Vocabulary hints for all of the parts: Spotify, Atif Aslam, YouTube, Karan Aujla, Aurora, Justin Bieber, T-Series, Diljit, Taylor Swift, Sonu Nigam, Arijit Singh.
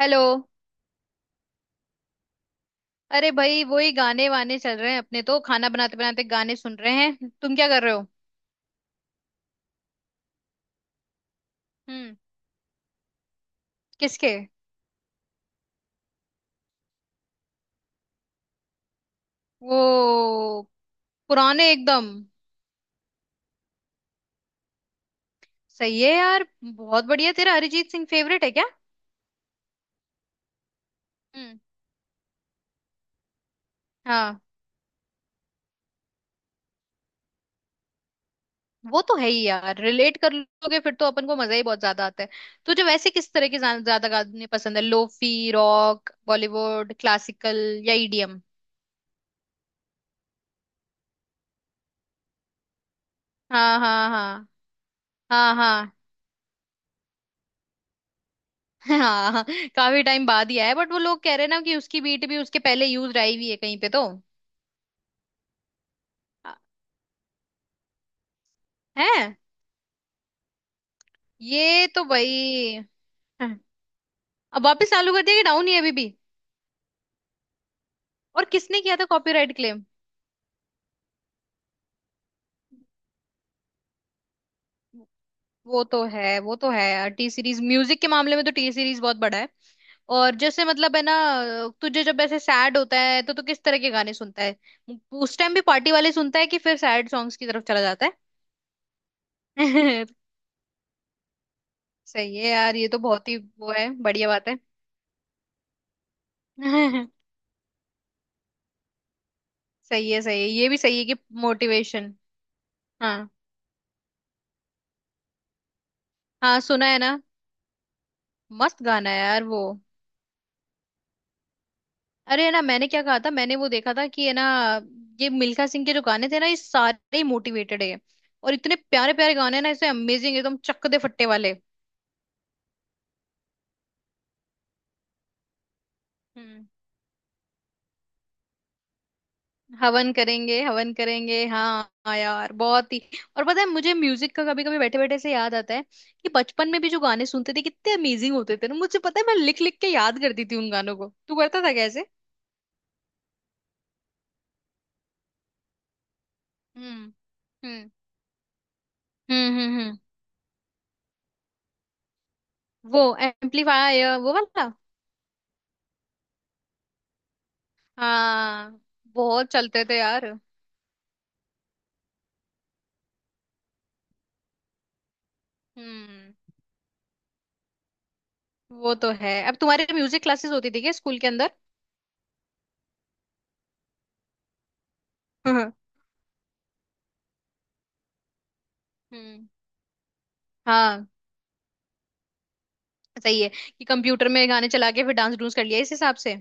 Hello. अरे भाई वही गाने वाने चल रहे हैं, अपने तो खाना बनाते बनाते गाने सुन रहे हैं। तुम क्या कर रहे हो? हम्म। किसके? वो पुराने एकदम। सही है यार, बहुत बढ़िया। तेरा अरिजीत सिंह फेवरेट है क्या? हम्म। हाँ। वो तो है ही यार, रिलेट कर लोगे फिर तो अपन को मजा ही बहुत ज्यादा आता है। तुझे वैसे किस तरह के ज्यादा गाने पसंद है? लोफी, रॉक, बॉलीवुड, क्लासिकल या ईडीएम? हाँ हाँ हाँ। हाँ हाँ हाँ। काफी टाइम बाद ही आया, बट वो लोग कह रहे हैं ना कि उसकी बीट भी उसके पहले यूज आई हुई है कहीं पे तो। अ- है? ये तो भाई। हाँ। अब वापस चालू कर दिया कि डाउन ही है अभी भी? और किसने किया था कॉपीराइट क्लेम? वो तो है, वो तो है। टी सीरीज म्यूजिक के मामले में तो टी सीरीज बहुत बड़ा है। और जैसे मतलब है ना, तुझे जब ऐसे सैड होता है तो तू किस तरह के गाने सुनता है? उस टाइम भी पार्टी वाले सुनता है कि फिर सैड सॉन्ग्स की तरफ चला जाता है? सही है यार, ये तो बहुत ही वो है, बढ़िया बात है। सही है, सही है, ये भी सही है कि मोटिवेशन। हाँ। हाँ सुना है ना। मस्त गाना है यार वो। अरे है ना, मैंने क्या कहा था, मैंने वो देखा था कि है ना, ये मिल्खा सिंह के जो गाने थे ना ये सारे मोटिवेटेड है। और इतने प्यारे प्यारे गाने हैं ना इसमें, अमेजिंग, एकदम चक दे फट्टे वाले। हम्म। हवन करेंगे, हवन करेंगे। हाँ हाँ यार, बहुत ही। और पता है, मुझे म्यूजिक का कभी कभी बैठे बैठे से याद आता है कि बचपन में भी जो गाने सुनते थे कितने अमेजिंग होते थे ना। मुझे पता है, मैं लिख लिख के याद करती थी उन गानों को। तू करता था कैसे? हम्म। हम्म हम्म। हम्म। वो एम्पलीफायर, वो वाला। हाँ, बहुत चलते थे यार। हम्म। वो तो है। अब तुम्हारे म्यूजिक क्लासेस होती थी क्या स्कूल के अंदर? हाँ। हम्म। हाँ। सही है, कि कंप्यूटर में गाने चला के फिर डांस डूंस कर लिया इस हिसाब से।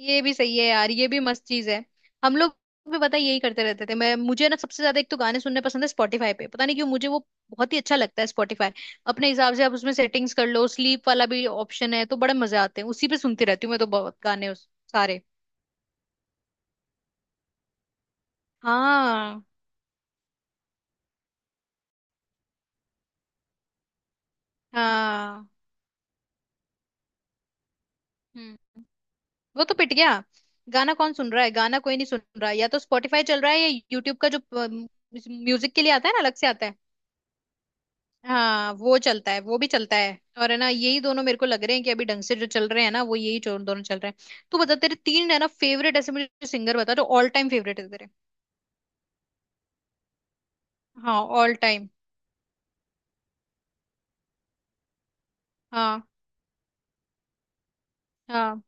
ये भी सही है यार, ये भी मस्त चीज है। हम लोग भी पता है यही करते रहते थे। मैं, मुझे ना सबसे ज्यादा एक तो गाने सुनने पसंद है। स्पॉटिफाई पे पता नहीं क्यों मुझे वो बहुत ही अच्छा लगता है, स्पॉटिफाई। अपने हिसाब से आप उसमें सेटिंग्स कर लो, स्लीप वाला भी ऑप्शन है, तो बड़े मजे आते हैं। उसी पे सुनती रहती हूँ मैं तो बहुत गाने, सारे। हाँ। हाँ। हम्म। वो तो पिट गया। गाना कौन सुन रहा है, गाना कोई नहीं सुन रहा। या तो स्पॉटिफाई चल रहा है या यूट्यूब का जो म्यूजिक के लिए आता है ना अलग से आता है। हाँ, वो चलता है, वो भी चलता है। और है ना, यही दोनों मेरे को लग रहे हैं कि अभी ढंग से जो चल रहे हैं ना वो यही जो दोनों चल रहे हैं। तू बता, तेरे तीन है ना फेवरेट ऐसे, मुझे सिंगर बता जो ऑल टाइम फेवरेट है तेरे। हाँ, ऑल टाइम। हाँ। हाँ।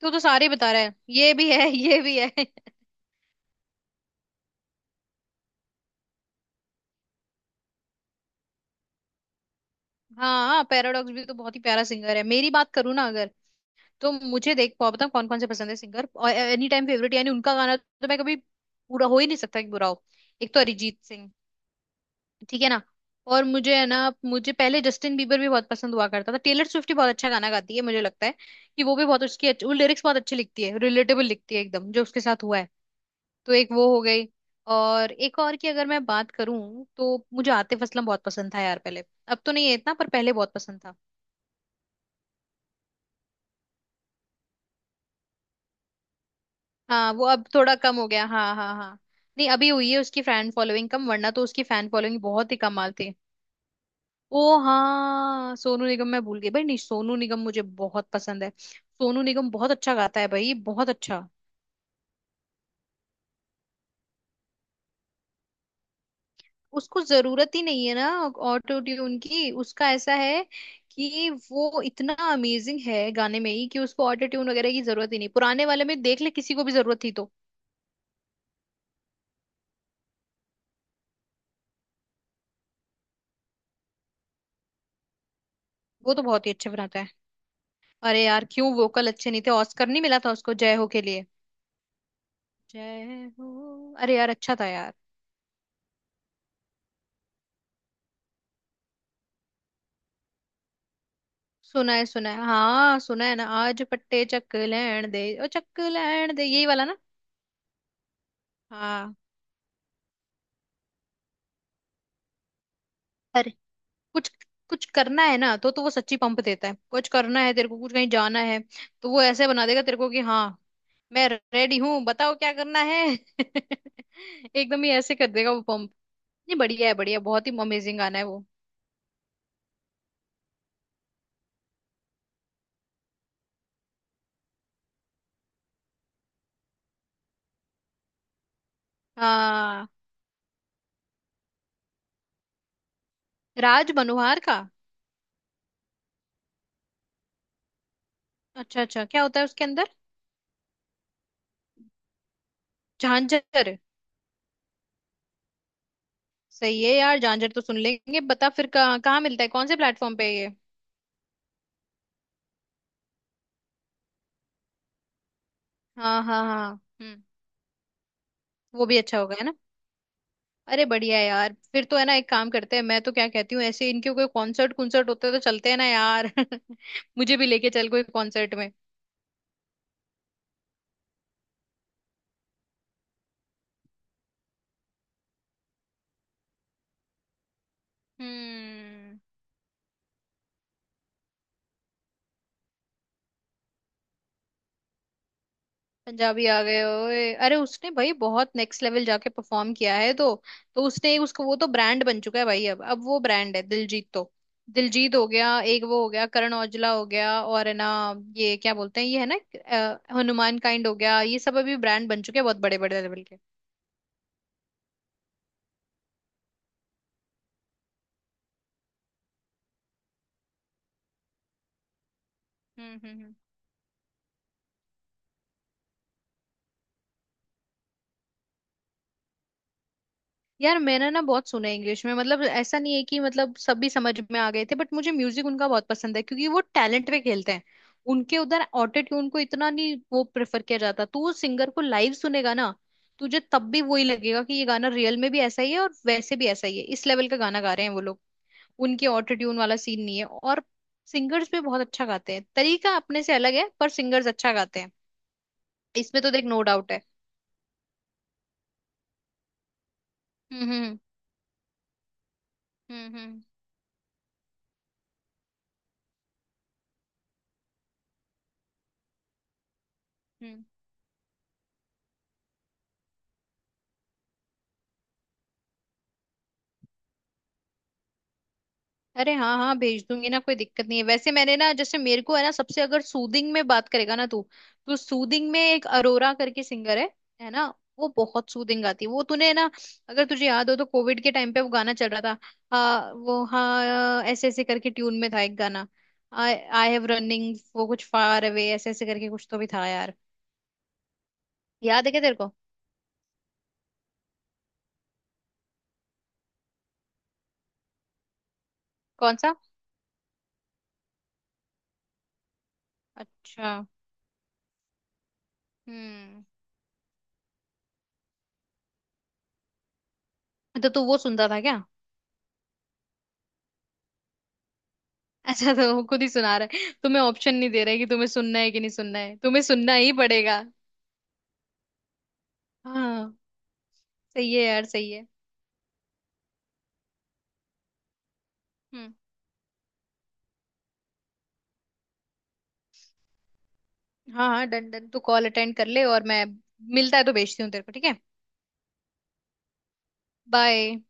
तू तो सारे बता रहा है, ये भी है ये भी है हाँ, पैराडॉक्स भी तो बहुत ही प्यारा सिंगर है। मेरी बात करूँ ना अगर, तो मुझे देख, पाओ बता कौन कौन से पसंद है सिंगर और एनी टाइम फेवरेट यानी उनका गाना तो मैं कभी पूरा हो ही नहीं सकता कि बुरा हो। एक तो अरिजीत सिंह। ठीक है ना। और मुझे है ना, मुझे पहले जस्टिन बीबर भी बहुत पसंद हुआ करता था। टेलर स्विफ्ट भी बहुत अच्छा गाना गाती है, मुझे लगता है कि वो भी बहुत, उसकी अच्छी वो लिरिक्स बहुत अच्छी लिखती है, रिलेटेबल लिखती है एकदम जो उसके साथ हुआ है। तो एक वो हो गई। और एक और की अगर मैं बात करूं तो मुझे आतिफ असलम बहुत पसंद था यार पहले। अब तो नहीं है इतना, पर पहले बहुत पसंद था। हाँ, वो अब थोड़ा कम हो गया। हाँ हाँ हाँ। नहीं, अभी हुई है उसकी फैन फॉलोइंग कम, वरना तो उसकी फैन फॉलोइंग बहुत ही कमाल थी। ओ हाँ, सोनू निगम मैं भूल गई भाई। नहीं सोनू निगम मुझे बहुत पसंद है। सोनू निगम बहुत अच्छा गाता है भाई, बहुत अच्छा। उसको जरूरत ही नहीं है ना, ऑटो ट्यून की। उसका ऐसा है कि वो इतना अमेजिंग है गाने में ही कि उसको ऑटो ट्यून वगैरह की जरूरत ही नहीं। पुराने वाले में देख ले, किसी को भी जरूरत थी तो? वो तो बहुत ही अच्छे बनाता है। अरे यार क्यों वोकल अच्छे नहीं थे, ऑस्कर नहीं मिला था उसको जय हो के लिए? जय हो, अरे यार अच्छा था यार। सुना है सुना है, हाँ सुना है ना। आज पट्टे चक लैण दे, ओ चक लैण दे, यही वाला ना। हाँ। अरे, कुछ कुछ करना है ना तो वो सच्ची पंप देता है। कुछ करना है तेरे को, कुछ कहीं जाना है, तो वो ऐसे बना देगा तेरे को कि हाँ मैं रेडी हूँ, बताओ क्या करना है एकदम ही ऐसे कर देगा वो, पंप। नहीं, बढ़िया है, बढ़िया। बहुत ही अमेजिंग गाना है वो। हाँ, राज मनोहार का? अच्छा अच्छा, क्या होता है उसके अंदर? झांझर। सही है यार, झांझर तो सुन लेंगे। बता फिर कहाँ कहाँ मिलता है, कौन से प्लेटफॉर्म पे है ये? हाँ हाँ हाँ। हम्म। वो भी अच्छा होगा है ना। अरे बढ़िया है यार, फिर तो है ना एक काम करते हैं, मैं तो क्या कहती हूँ ऐसे, इनके कोई कॉन्सर्ट कुंसर्ट होते हैं तो चलते हैं ना यार मुझे भी लेके चल कोई कॉन्सर्ट में। हम्म। पंजाबी आ गए ओए। अरे उसने भाई बहुत नेक्स्ट लेवल जाके परफॉर्म किया है, तो उसने उसको, वो तो ब्रांड बन चुका है भाई। अब वो ब्रांड है दिलजीत तो। दिलजीत हो गया एक, वो हो गया करण औजला हो गया, और है ना, ये क्या बोलते हैं ये है ना, हनुमान काइंड हो गया। ये सब अभी ब्रांड बन चुके हैं बहुत बड़े बड़े लेवल के। हम्म हम्म हम्म। यार मैंने ना बहुत सुना है इंग्लिश में, मतलब ऐसा नहीं है कि मतलब सभी समझ में आ गए थे, बट मुझे म्यूजिक उनका बहुत पसंद है क्योंकि वो टैलेंट पे खेलते हैं। उनके उधर ऑटो ट्यून को इतना नहीं वो प्रेफर किया जाता। तू उस सिंगर को लाइव सुनेगा ना, तुझे तब भी वही लगेगा कि ये गाना रियल में भी ऐसा ही है और वैसे भी ऐसा ही है। इस लेवल का गाना गा रहे हैं वो लोग, उनके ऑटो ट्यून वाला सीन नहीं है। और सिंगर्स भी बहुत अच्छा गाते हैं, तरीका अपने से अलग है पर सिंगर्स अच्छा गाते हैं। इसमें तो देख नो डाउट है। हम्म। हम्म। हम्म। अरे हाँ हाँ, भेज दूंगी ना, कोई दिक्कत नहीं है। वैसे मैंने ना, जैसे मेरे को है ना सबसे अगर सूदिंग में बात करेगा ना तू, तो सूदिंग में एक अरोरा करके सिंगर है ना। वो बहुत सूदिंग गाती है। वो तूने ना, अगर तुझे याद हो तो कोविड के टाइम पे वो गाना चल रहा था, वो हाँ ऐसे ऐसे करके ट्यून में था एक गाना। आई आई हैव रनिंग वो कुछ फार अवे, ऐसे ऐसे करके कुछ तो भी था यार। याद है क्या तेरे को? कौन सा? अच्छा। हम्म। तो तू वो सुनता था क्या? अच्छा, तो वो खुद ही सुना रहा है, तुम्हें ऑप्शन नहीं दे रहा है कि तुम्हें सुनना है कि नहीं सुनना है, तुम्हें सुनना ही पड़ेगा। हाँ। सही है यार, सही है। हम्म। हाँ हाँ डन डन, तू कॉल अटेंड कर ले, और मैं मिलता है तो भेजती हूँ तेरे को, ठीक है। बाय।